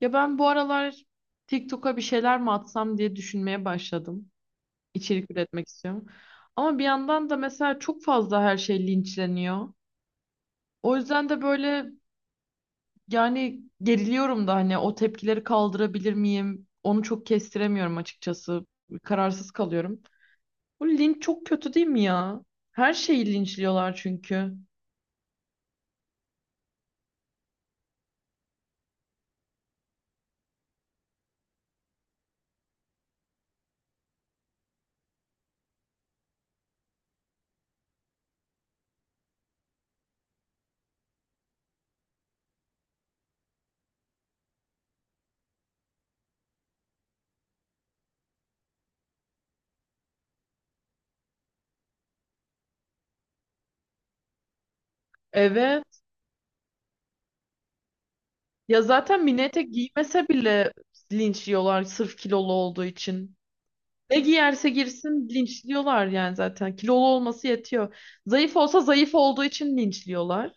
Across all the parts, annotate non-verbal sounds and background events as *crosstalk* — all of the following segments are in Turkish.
Ya ben bu aralar TikTok'a bir şeyler mi atsam diye düşünmeye başladım. İçerik üretmek istiyorum. Ama bir yandan da mesela çok fazla her şey linçleniyor. O yüzden de böyle yani geriliyorum da hani o tepkileri kaldırabilir miyim? Onu çok kestiremiyorum açıkçası. Kararsız kalıyorum. Bu linç çok kötü değil mi ya? Her şeyi linçliyorlar çünkü. Evet. Ya zaten mini etek giymese bile linçliyorlar sırf kilolu olduğu için. Ne giyerse girsin linçliyorlar yani zaten. Kilolu olması yetiyor. Zayıf olsa zayıf olduğu için linçliyorlar.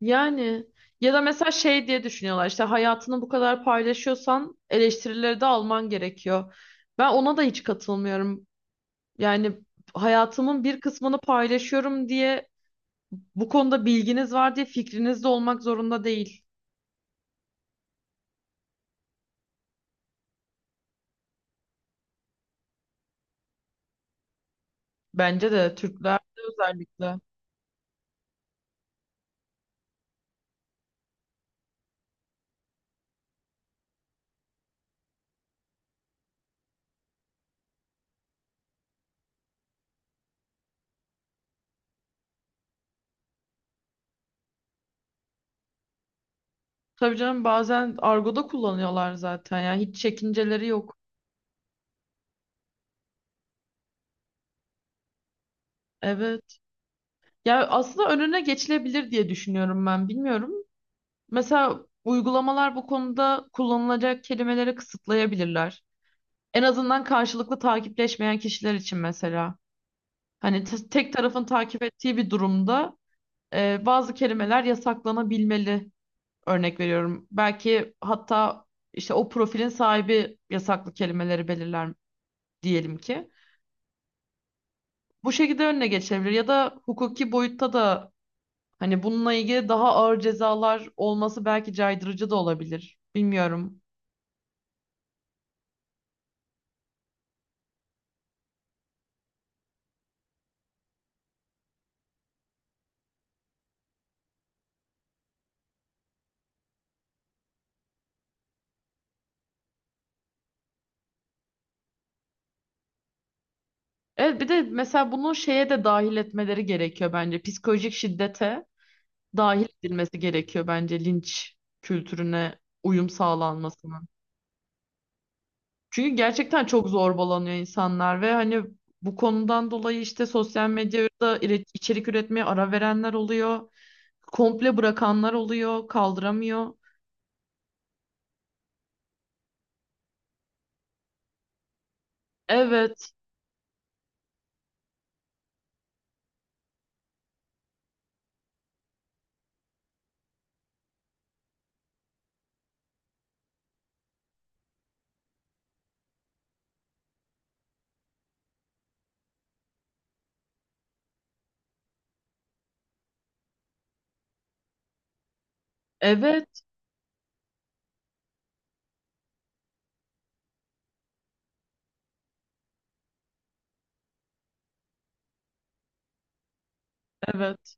Yani ya da mesela şey diye düşünüyorlar, işte hayatını bu kadar paylaşıyorsan eleştirileri de alman gerekiyor. Ben ona da hiç katılmıyorum. Yani hayatımın bir kısmını paylaşıyorum diye bu konuda bilginiz var diye fikriniz de olmak zorunda değil. Bence de Türklerde özellikle. Tabii canım bazen argoda kullanıyorlar zaten ya, hiç çekinceleri yok. Evet. Ya aslında önüne geçilebilir diye düşünüyorum ben. Bilmiyorum. Mesela uygulamalar bu konuda kullanılacak kelimeleri kısıtlayabilirler. En azından karşılıklı takipleşmeyen kişiler için mesela. Hani tek tarafın takip ettiği bir durumda bazı kelimeler yasaklanabilmeli. Örnek veriyorum. Belki hatta işte o profilin sahibi yasaklı kelimeleri belirler diyelim ki. Bu şekilde önüne geçebilir ya da hukuki boyutta da hani bununla ilgili daha ağır cezalar olması belki caydırıcı da olabilir. Bilmiyorum. Evet, bir de mesela bunu şeye de dahil etmeleri gerekiyor bence. Psikolojik şiddete dahil edilmesi gerekiyor bence linç kültürüne uyum sağlanmasının. Çünkü gerçekten çok zorbalanıyor insanlar ve hani bu konudan dolayı işte sosyal medyada içerik üretmeye ara verenler oluyor. Komple bırakanlar oluyor, kaldıramıyor. Evet, evet, evet.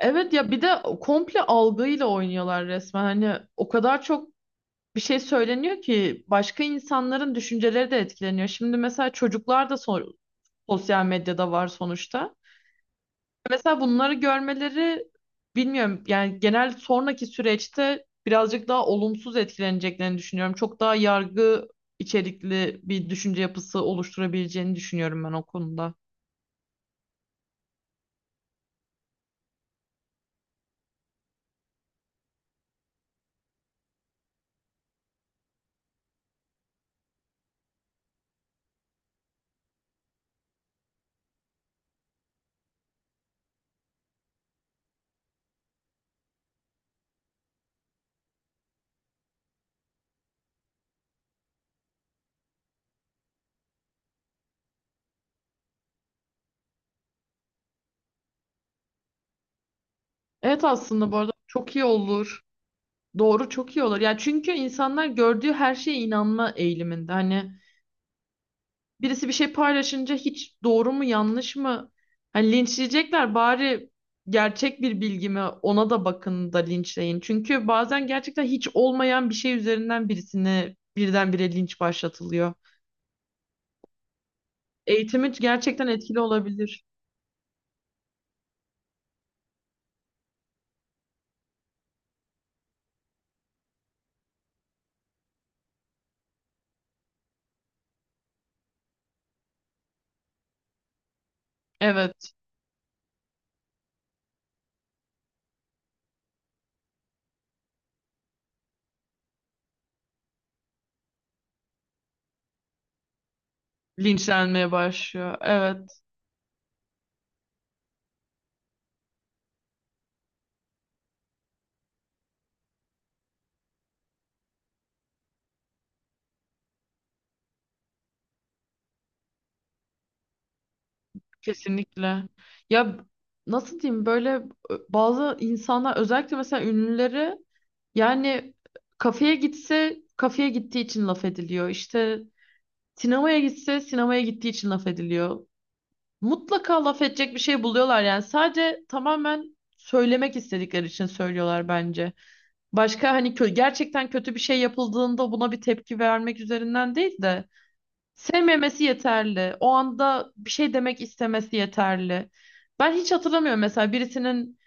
Evet ya, bir de komple algıyla oynuyorlar resmen. Hani o kadar çok bir şey söyleniyor ki başka insanların düşünceleri de etkileniyor. Şimdi mesela çocuklar da sosyal medyada var sonuçta. Mesela bunları görmeleri bilmiyorum, yani genel sonraki süreçte birazcık daha olumsuz etkileneceklerini düşünüyorum. Çok daha yargı içerikli bir düşünce yapısı oluşturabileceğini düşünüyorum ben o konuda. Evet, aslında bu arada çok iyi olur. Doğru, çok iyi olur. Ya çünkü insanlar gördüğü her şeye inanma eğiliminde. Hani birisi bir şey paylaşınca hiç doğru mu yanlış mı? Hani linçleyecekler bari, gerçek bir bilgi mi ona da bakın da linçleyin. Çünkü bazen gerçekten hiç olmayan bir şey üzerinden birisine birdenbire linç başlatılıyor. Eğitimi gerçekten etkili olabilir. Evet, linçlenmeye başlıyor. Evet, kesinlikle. Ya nasıl diyeyim, böyle bazı insanlar özellikle mesela ünlüleri, yani kafeye gitse kafeye gittiği için laf ediliyor. İşte sinemaya gitse sinemaya gittiği için laf ediliyor. Mutlaka laf edecek bir şey buluyorlar yani. Sadece tamamen söylemek istedikleri için söylüyorlar bence. Başka hani kö gerçekten kötü bir şey yapıldığında buna bir tepki vermek üzerinden değil de sevmemesi yeterli. O anda bir şey demek istemesi yeterli. Ben hiç hatırlamıyorum mesela birisinin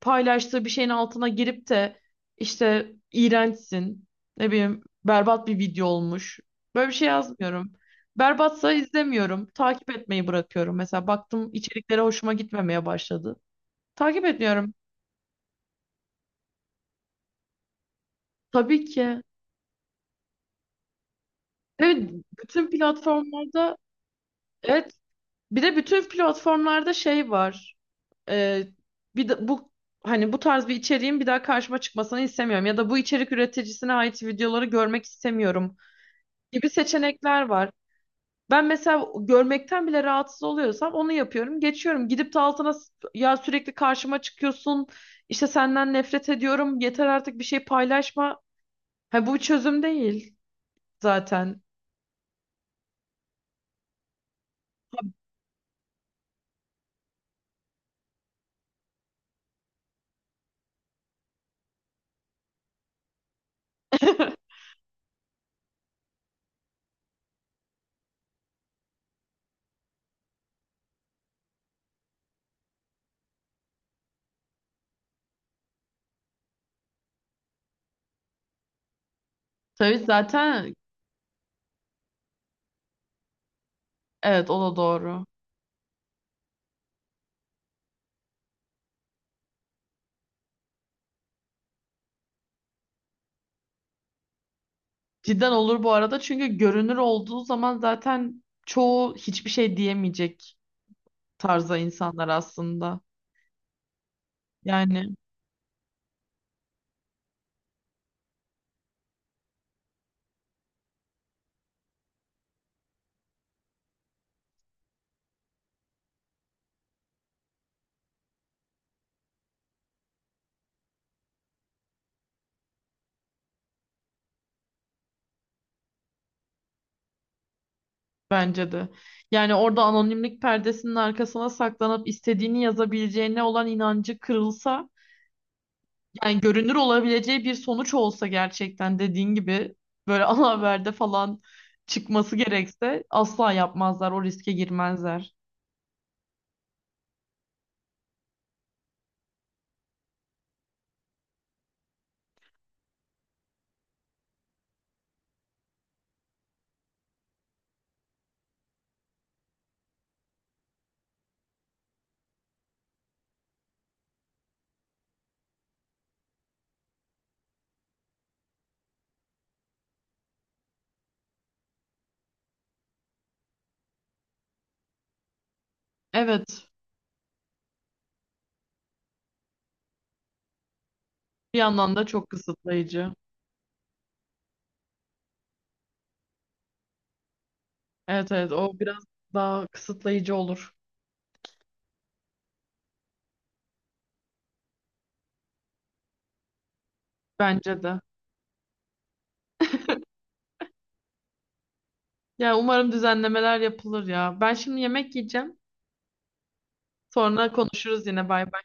paylaştığı bir şeyin altına girip de işte iğrençsin, ne bileyim berbat bir video olmuş. Böyle bir şey yazmıyorum. Berbatsa izlemiyorum. Takip etmeyi bırakıyorum. Mesela baktım içeriklere hoşuma gitmemeye başladı. Takip etmiyorum. Tabii ki. Evet, bütün platformlarda, evet, bir de bütün platformlarda şey var. Ee, Bir de bu, hani bu tarz bir içeriğin bir daha karşıma çıkmasını istemiyorum ya da bu içerik üreticisine ait videoları görmek istemiyorum gibi seçenekler var. Ben mesela görmekten bile rahatsız oluyorsam onu yapıyorum. Geçiyorum. Gidip de altına ya sürekli karşıma çıkıyorsun. İşte senden nefret ediyorum. Yeter artık, bir şey paylaşma. Ha, bu bir çözüm değil zaten. *laughs* Tabii zaten, evet, o da doğru. Cidden olur bu arada, çünkü görünür olduğu zaman zaten çoğu hiçbir şey diyemeyecek tarza insanlar aslında. Yani bence de. Yani orada anonimlik perdesinin arkasına saklanıp istediğini yazabileceğine olan inancı kırılsa, yani görünür olabileceği bir sonuç olsa, gerçekten dediğin gibi böyle *laughs* ana haberde falan çıkması gerekse asla yapmazlar, o riske girmezler. Evet, bir yandan da çok kısıtlayıcı. Evet, evet, o biraz daha kısıtlayıcı olur bence de. Yani umarım düzenlemeler yapılır ya. Ben şimdi yemek yiyeceğim. Sonra konuşuruz yine. Bay bay.